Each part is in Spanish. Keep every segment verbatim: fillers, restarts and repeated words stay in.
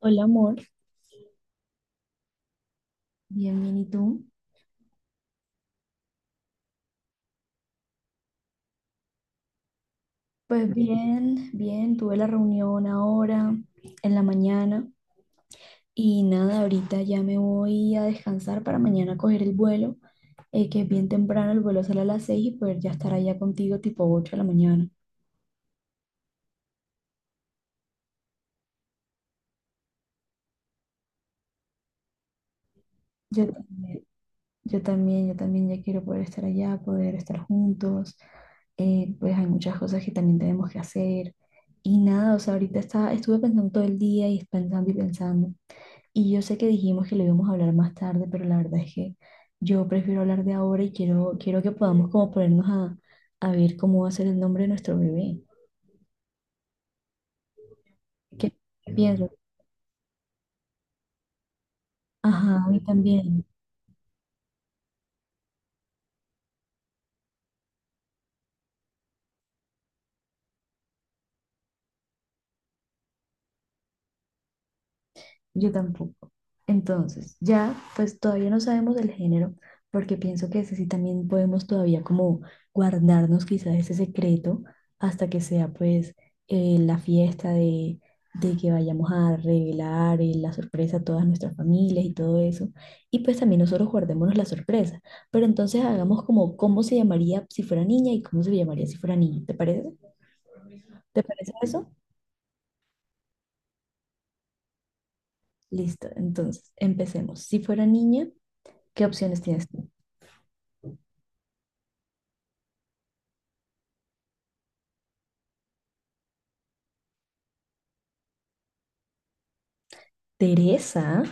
Hola, amor. Bien, bien, ¿y tú? Pues bien, bien, tuve la reunión ahora en la mañana y nada, ahorita ya me voy a descansar para mañana coger el vuelo, eh, que es bien temprano, el vuelo sale a las seis y poder ya estar allá contigo tipo ocho de la mañana. Yo también, yo también, yo también ya quiero poder estar allá, poder estar juntos, eh, pues hay muchas cosas que también tenemos que hacer y nada, o sea, ahorita está, estuve pensando todo el día y pensando y pensando. Y yo sé que dijimos que lo íbamos a hablar más tarde, pero la verdad es que yo prefiero hablar de ahora y quiero, quiero que podamos como ponernos a, a ver cómo va a ser el nombre de nuestro bebé. ¿Qué, piensas? Ajá, a mí también. Yo tampoco. Entonces, ya, pues todavía no sabemos el género, porque pienso que ese sí también podemos todavía como guardarnos quizás ese secreto hasta que sea pues eh, la fiesta de, de que vayamos a revelar eh, la sorpresa a todas nuestras familias y todo eso. Y pues también nosotros guardémonos la sorpresa. Pero entonces hagamos como cómo se llamaría si fuera niña y cómo se llamaría si fuera niño. ¿Te parece? ¿Te parece eso? Listo. Entonces, empecemos. Si fuera niña, ¿qué opciones tienes tú? Teresa.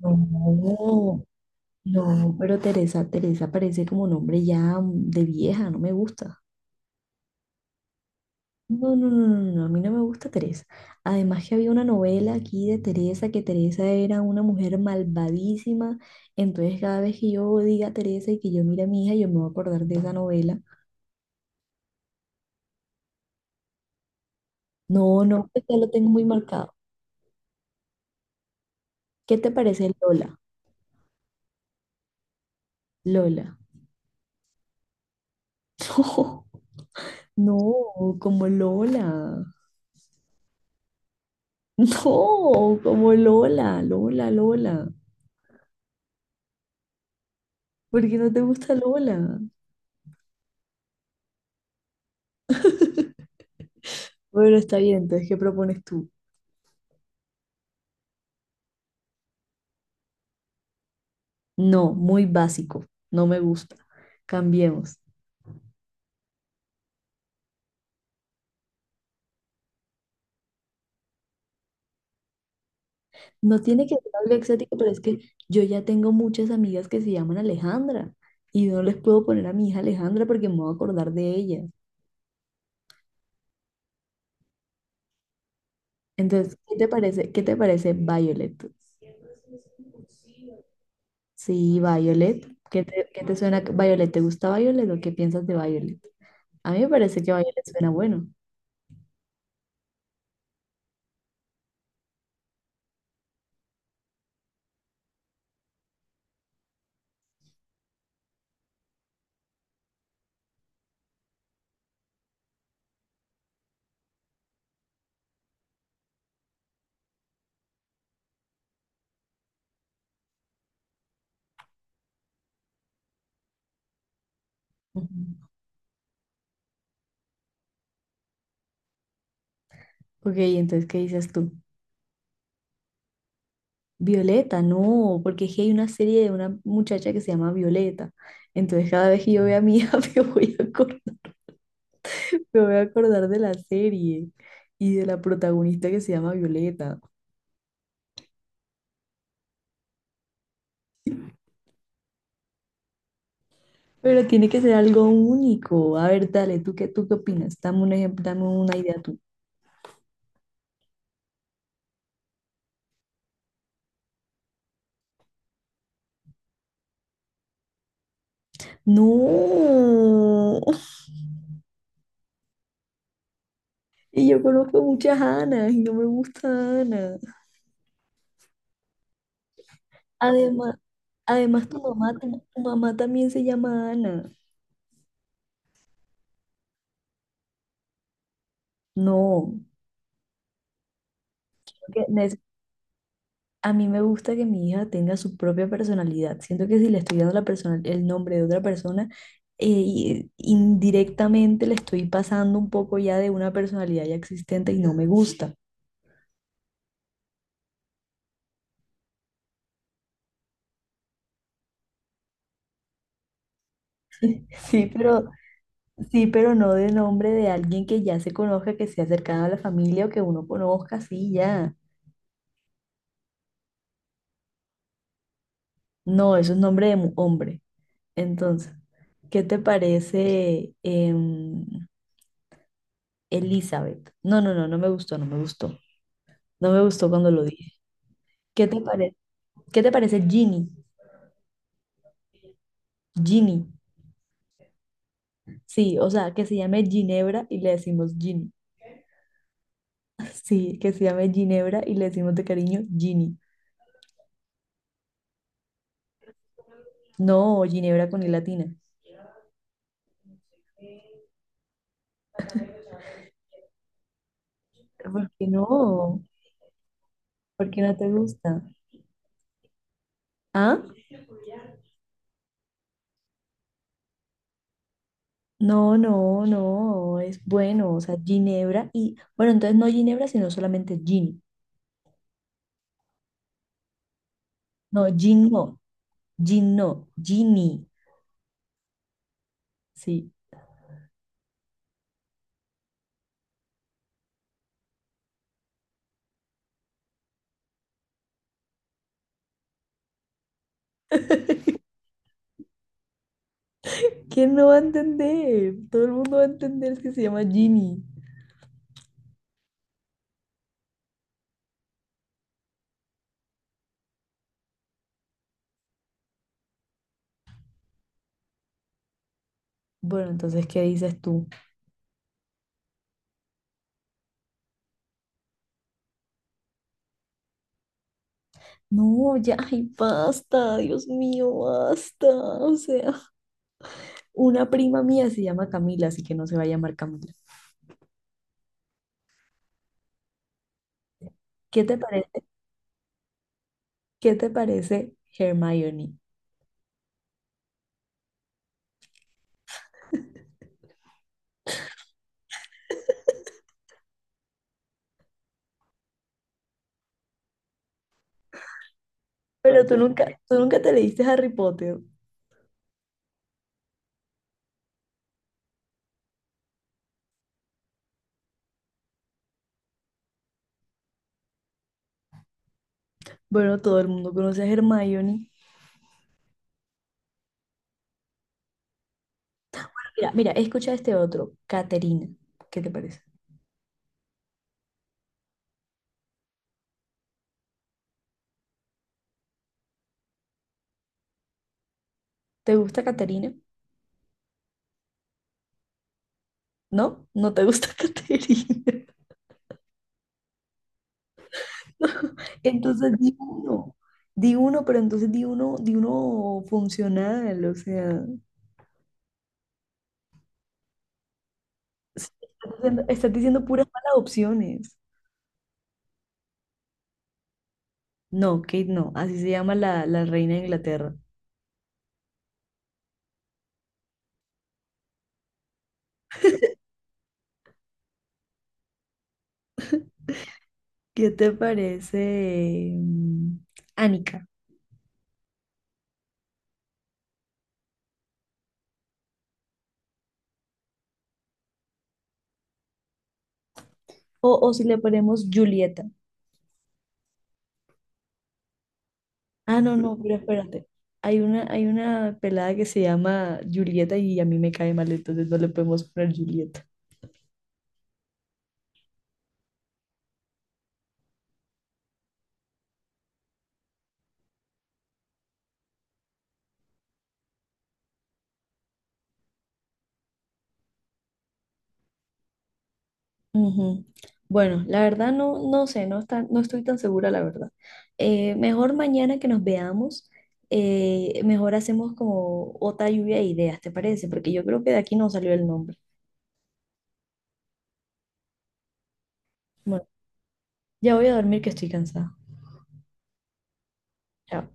No, no, pero Teresa, Teresa parece como nombre ya de vieja, no me gusta. No, no, no, no, no, a mí no me gusta Teresa. Además que había una novela aquí de Teresa, que Teresa era una mujer malvadísima. Entonces cada vez que yo diga Teresa y que yo mire a mi hija, yo me voy a acordar de esa novela. No, no, pues ya lo tengo muy marcado. ¿Qué te parece Lola? Lola. No, como Lola. No, como Lola, Lola, Lola. ¿Por qué no te gusta Lola? Bueno, está bien, entonces, ¿qué propones tú? No, muy básico, no me gusta. Cambiemos. No tiene que ser algo exótico, pero es que yo ya tengo muchas amigas que se llaman Alejandra y no les puedo poner a mi hija Alejandra porque me voy a acordar de ella. Entonces, ¿qué te parece? ¿Qué te parece Violet? Sí, Violet. ¿Qué te, qué te suena Violet? ¿Te gusta Violet o qué piensas de Violet? A mí me parece que Violet suena bueno. Ujú. Ok, entonces, ¿qué dices tú? Violeta, no, porque es que hay una serie de una muchacha que se llama Violeta. Entonces, cada vez que yo vea a mi hija, me voy a acordar, me voy a acordar de la serie y de la protagonista que se llama Violeta. Pero tiene que ser algo único. A ver, dale, ¿tú qué, tú qué opinas? Dame un ejemplo, dame una idea tú. No, y yo conozco muchas Anas y no me gusta Ana. Además, además tu mamá, tu mamá también se llama Ana. No, creo que nes- a mí me gusta que mi hija tenga su propia personalidad. Siento que si le estoy dando la persona- el nombre de otra persona, eh, y- indirectamente le estoy pasando un poco ya de una personalidad ya existente y no me gusta. Sí, pero, sí, pero no de nombre de alguien que ya se conozca, que sea cercano a la familia o que uno conozca, sí, ya. No, eso es nombre de mu- hombre. Entonces, ¿qué te parece, em, Elizabeth? No, no, no, no me gustó, no me gustó. No me gustó cuando lo dije. ¿Qué te parece? ¿Qué te parece Ginny? Ginny. Sí, o sea, que se llame Ginebra y le decimos Ginny. Sí, que se llame Ginebra y le decimos de cariño Ginny. No, Ginebra con i latina. ¿Por qué no? ¿Por qué no te gusta? ¿Ah? No, no, no, es bueno, o sea, Ginebra y, bueno, entonces no Ginebra, sino solamente Ginny. No, Gin no, Gin no, Ginny. Sí. ¿Quién no va a entender? Todo el mundo va a entender que se llama Ginny. Bueno, entonces, ¿qué dices tú? No, ya, ay, basta, Dios mío, basta. O sea, una prima mía se llama Camila, así que no se va a llamar Camila. ¿Qué te parece? ¿Qué te parece Hermione? Pero tú nunca, tú nunca te leíste Harry Potter. Bueno, todo el mundo conoce a Hermione. Mira, mira, escucha este otro, Caterina. ¿Qué te parece? ¿Te gusta Caterina? ¿No? ¿No te gusta Caterina? Entonces di uno, di uno, pero entonces di uno, di uno funcional, o sea, sí, estás diciendo, estás diciendo puras malas opciones. No, Kate, no, así se llama la, la reina de Inglaterra. ¿Qué te parece, mm, Annika? O, o si le ponemos Julieta. Ah, no, no, pero espérate. Hay una, hay una pelada que se llama Julieta y a mí me cae mal, entonces no le podemos poner Julieta. Ujú. Bueno, la verdad no, no sé, no está, no estoy tan segura, la verdad. Eh, mejor mañana que nos veamos, eh, mejor hacemos como otra lluvia de ideas, ¿te parece? Porque yo creo que de aquí no salió el nombre. Bueno, ya voy a dormir que estoy cansada. Chao.